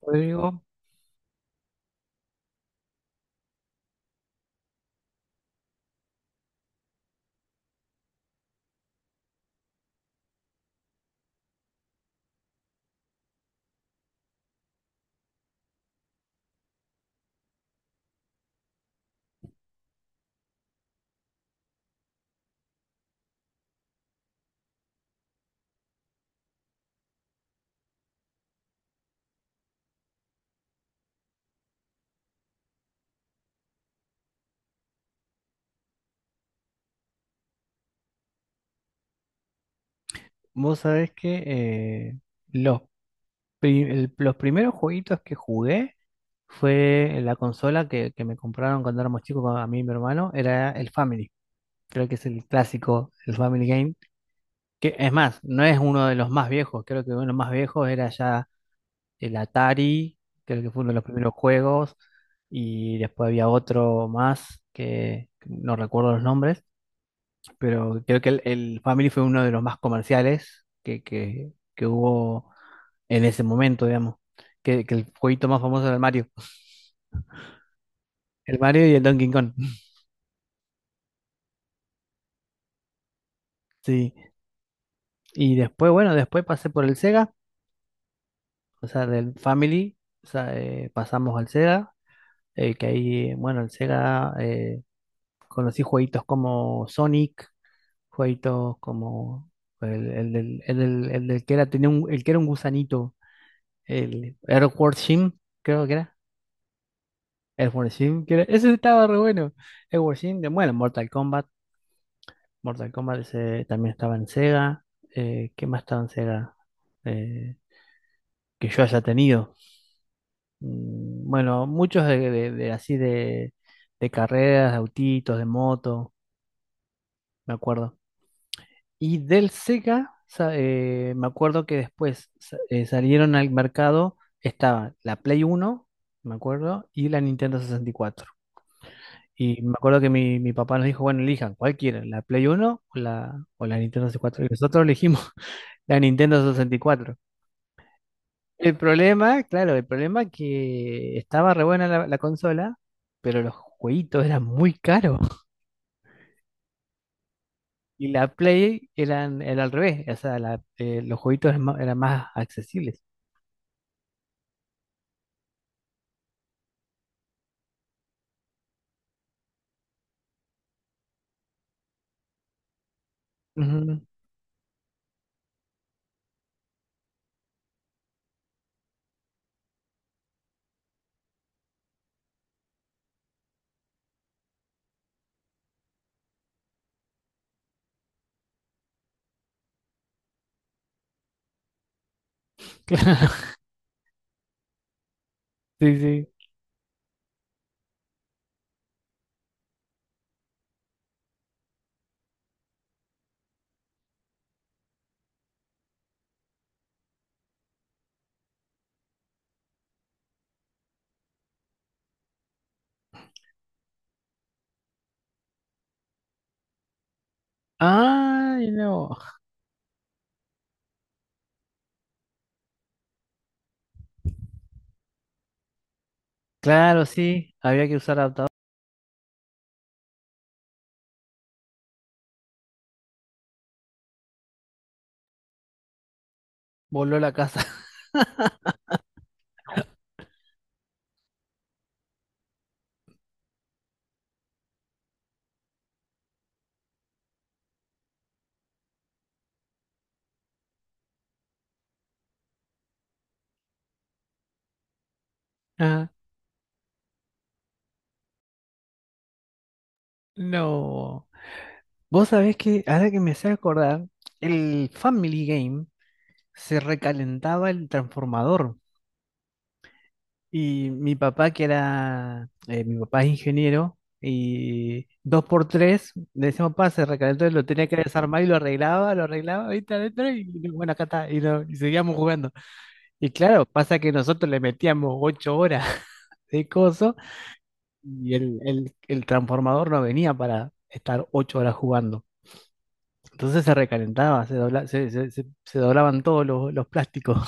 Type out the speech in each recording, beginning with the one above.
Rodrigo, vos sabés que eh, los, los primeros jueguitos que jugué fue en la consola que me compraron cuando éramos chicos a mí y mi hermano, era el Family. Creo que es el clásico, el Family Game. Que es más, no es uno de los más viejos, creo que uno de los más viejos era ya el Atari, creo que fue uno de los primeros juegos, y después había otro más que no recuerdo los nombres pero creo que el Family fue uno de los más comerciales que hubo en ese momento, digamos. Que el jueguito más famoso era el Mario. El Mario y el Donkey Kong. Sí. Y después, bueno, después pasé por el Sega, o sea, del Family, o sea, pasamos al Sega, que ahí, bueno, el Sega conocí jueguitos como Sonic, jueguitos como el, del- el del- el del que era, tenía un, el que era un gusanito, el Earthworm Jim, creo que era. Edward Sheen, ese estaba re bueno. Edward Sheen, de, bueno, Mortal Kombat. Mortal Kombat ese también estaba en Sega. ¿Qué más estaba en Sega? Eh, que yo haya tenido. Bueno, muchos de carreras, de autitos, de moto, me acuerdo. Y del Sega, me acuerdo que después salieron al mercado, estaba la Play uno me acuerdo, y la Nintendo 64. Y me acuerdo que mi papá nos dijo, bueno, elijan, ¿cuál quieren? ¿La Play uno o la Nintendo 64? ¿Y cuatro? Y nosotros elegimos la Nintendo 64. El problema, claro, el problema es que estaba re buena la consola, pero los jueguitos eran muy caros. Y la Play eran, era al revés, o sea, los jueguitos eran más accesibles. Ujú. Claro, sí, sí. Ay, no. Claro, sí, había que usar adaptador. Voló la casa. Ah, no. Vos sabés que ahora que me sé acordar, el Family Game se recalentaba el transformador. Y mi papá, mi papá es ingeniero, y dos por tres, le decíamos, papá, se recalentó, y lo tenía que desarmar y lo arreglaba, ahí está adentro, y bueno, acá está, y, y seguíamos jugando. Y claro, pasa que nosotros le metíamos 8 horas de coso, y el transformador no venía para estar 8 horas jugando. Entonces se recalentaba, se, dobla- se- se- se doblaban todos los plásticos.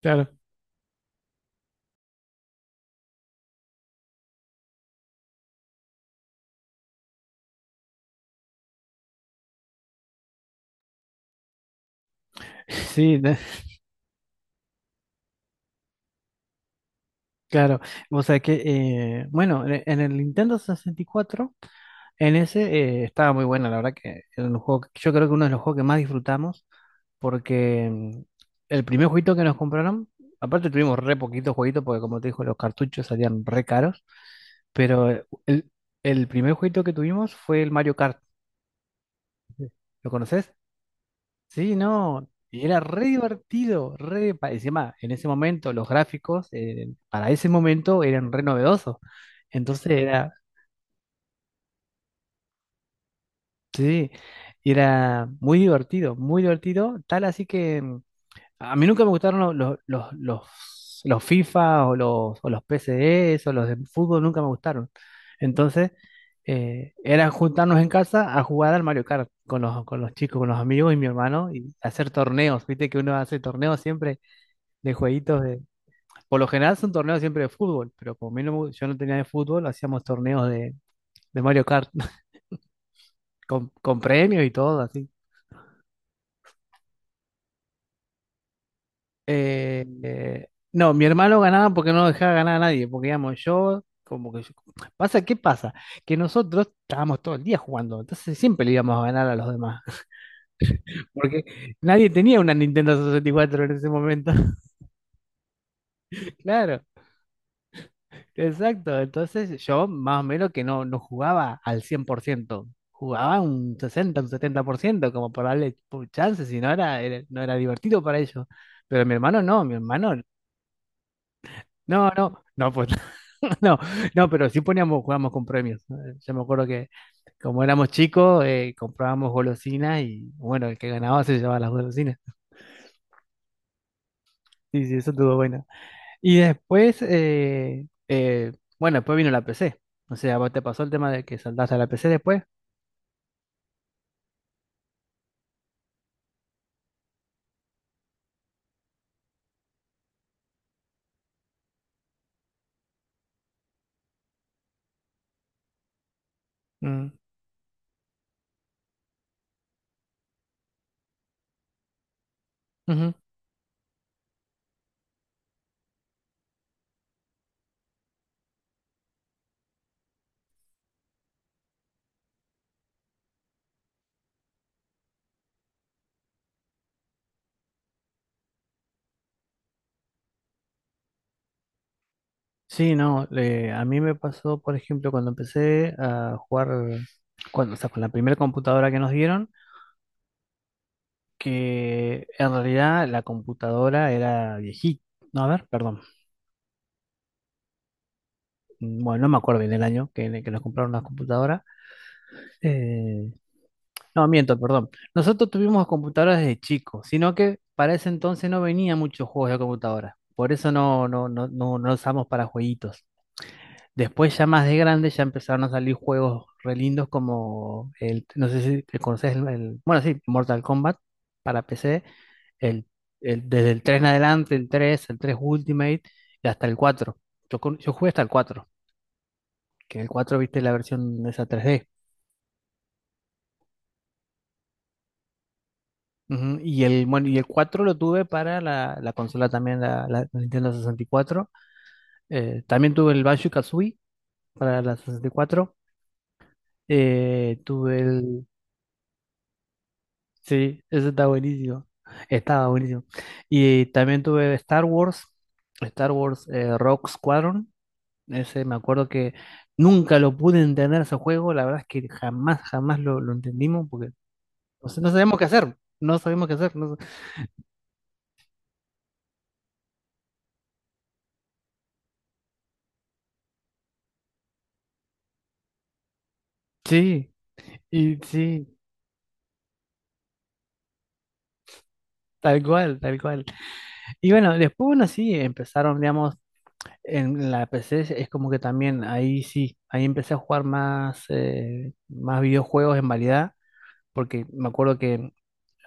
Claro. Sí, claro. O sea que, bueno, en el Nintendo 64, en ese estaba muy bueno, la verdad que era un juego, yo creo que uno de los juegos que más disfrutamos, porque el primer jueguito que nos compraron, aparte tuvimos re poquitos jueguitos, porque como te dijo, los cartuchos salían re caros, pero el primer jueguito que tuvimos fue el Mario Kart, ¿lo conoces? Sí, no, y era re divertido, re, encima, en ese momento los gráficos para ese momento eran re novedosos, entonces era, sí, era muy divertido, tal así que a mí nunca me gustaron los, FIFA o los PCs o los de fútbol, nunca me gustaron, entonces era juntarnos en casa a jugar al Mario Kart con los chicos, con los amigos y mi hermano y hacer torneos, viste que uno hace torneos siempre de jueguitos de... Por lo general son torneos siempre de fútbol, pero como a mí no me yo no tenía de fútbol, hacíamos torneos de, Mario Kart con premios y todo, así. Eh, eh, no, mi hermano ganaba porque no dejaba ganar a nadie, porque digamos, yo, como que pasa, ¿qué pasa? Que nosotros estábamos todo el día jugando, entonces siempre le íbamos a ganar a los demás, porque nadie tenía una Nintendo 64 en ese momento. Claro. Exacto, entonces yo más o menos que no jugaba al 100%, jugaba un 60, un 70%, como para darle chance, si no era, no era divertido para ellos. Pero mi hermano, no, no, no, pues no, no, pero sí poníamos, jugábamos con premios. Yo me acuerdo que como éramos chicos, comprábamos golosinas y bueno, el que ganaba se llevaba las golosinas. Sí, sí, eso estuvo bueno. Y después, bueno, después vino la PC. O sea, ¿vos te pasó el tema de que saltaste a la PC después? Mm, ujú. Sí, no, a mí me pasó, por ejemplo, cuando empecé a jugar, cuando, o sea, con la primera computadora que nos dieron, que en realidad la computadora era viejita, no, a ver, perdón, bueno, no me acuerdo bien el año que nos compraron la computadora. Eh, no, miento, perdón, nosotros tuvimos computadoras desde chicos, sino que para ese entonces no venía muchos juegos de computadora, por eso no usamos para jueguitos. Después, ya más de grande, ya empezaron a salir juegos re lindos como el, no sé si te conoces bueno, sí, Mortal Kombat para PC, el, desde el 3 en adelante, el tres Ultimate y hasta el cuatro. Yo jugué hasta el cuatro, que el 4 viste la versión esa 3D. Ujú. Y el 4 lo tuve para la consola también, la Nintendo 64. También tuve el Banjo-Kazooie para la 64. Tuve el Sí, eso está buenísimo. Estaba buenísimo. Y también tuve Star Wars, Star Wars Rogue Squadron. Ese me acuerdo que nunca lo pude entender ese juego. La verdad es que jamás, jamás lo entendimos porque no, no sabíamos qué hacer. No sabíamos qué hacer. No. Sí, y sí, tal cual, tal cual. Y bueno, después, bueno, sí, empezaron, digamos, en la PC es como que también ahí sí, ahí empecé a jugar más videojuegos en variedad porque me acuerdo que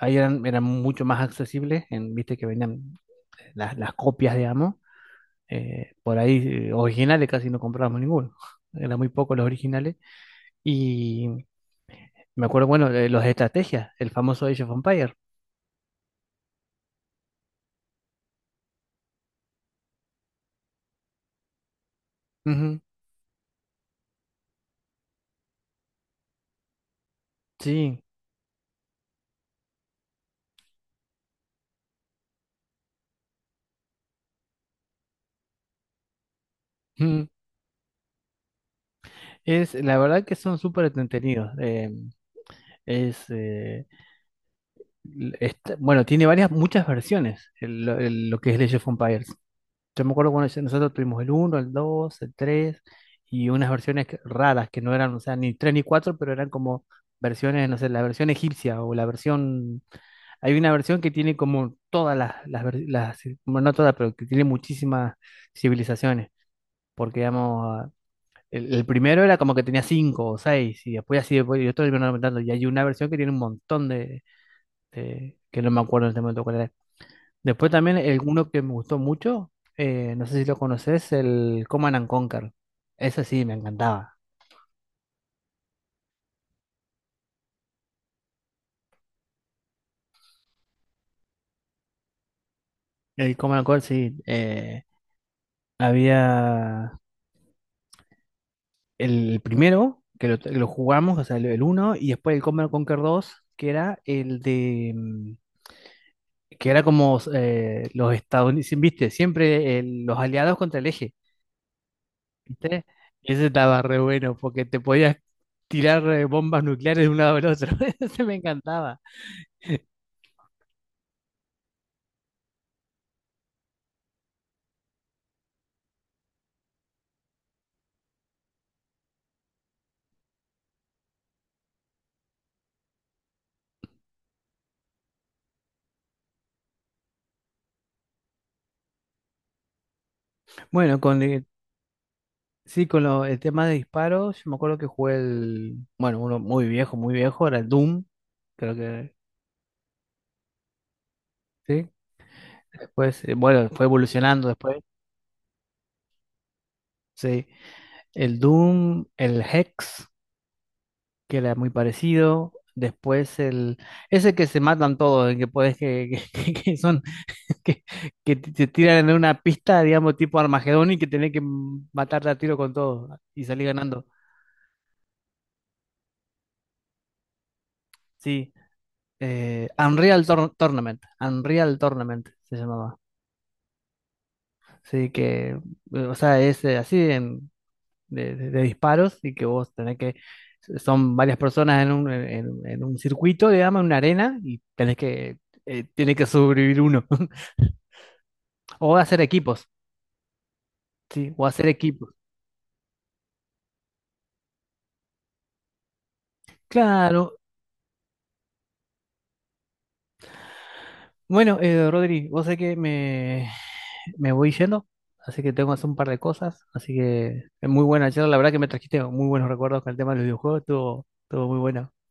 ahí eran mucho más accesibles, en, viste que venían las copias, digamos, por ahí originales casi no comprábamos ninguno, eran muy pocos los originales, y me acuerdo, bueno, de los de estrategia, el famoso Age of Empires. Ujú, sí, ujú. Es, la verdad que son súper entretenidos, es, bueno, tiene varias, muchas versiones, lo que es el Age of Empires. Yo me acuerdo cuando nosotros tuvimos el uno el 2 el 3 y unas versiones raras que no eran, o sea, ni 3 ni 4 pero eran como versiones, no sé, la versión egipcia o la versión... Hay una versión que tiene como todas las, bueno, no todas, pero que tiene muchísimas civilizaciones, porque digamos, el primero era como que tenía 5 o 6 y después así, después, y otros iban aumentando y hay una versión que tiene un montón que no me acuerdo en este momento cuál era. Después también el uno que me gustó mucho, no sé si lo conoces, el Command and Conquer. Ese sí, me encantaba. El Command and Conquer, sí. Había el primero, que lo jugamos, o sea, el uno, y después el Command and Conquer 2 que era el de... que era como los estadounidenses, viste, siempre los aliados contra el eje, viste. Y ese estaba re bueno, porque te podías tirar bombas nucleares de un lado al otro. Ese me encantaba. Bueno, con Sí, con el tema de disparos, yo me acuerdo que jugué el, bueno, uno muy viejo, era el Doom, creo que, sí, después, bueno, fue evolucionando después, sí, el Doom, el Hex, que era muy parecido, después ese que se matan todos, el que puedes, que son, que, que te tiran en una pista, digamos, tipo Armagedón y que tenés que matarte a tiro con todo y salir ganando, sí, Unreal Tournament, Unreal Tournament se llamaba. Sí, que, o sea, es así de disparos y que vos tenés que, son varias personas en un circuito, digamos, en una arena y tenés que, tiene que sobrevivir uno. O hacer equipos, sí, o hacer equipos. Claro. Bueno, Rodri, vos sé que me voy yendo, así que tengo que hacer un par de cosas, así que es muy buena charla, la verdad que me trajiste muy buenos recuerdos con el tema de los videojuegos, estuvo muy bueno.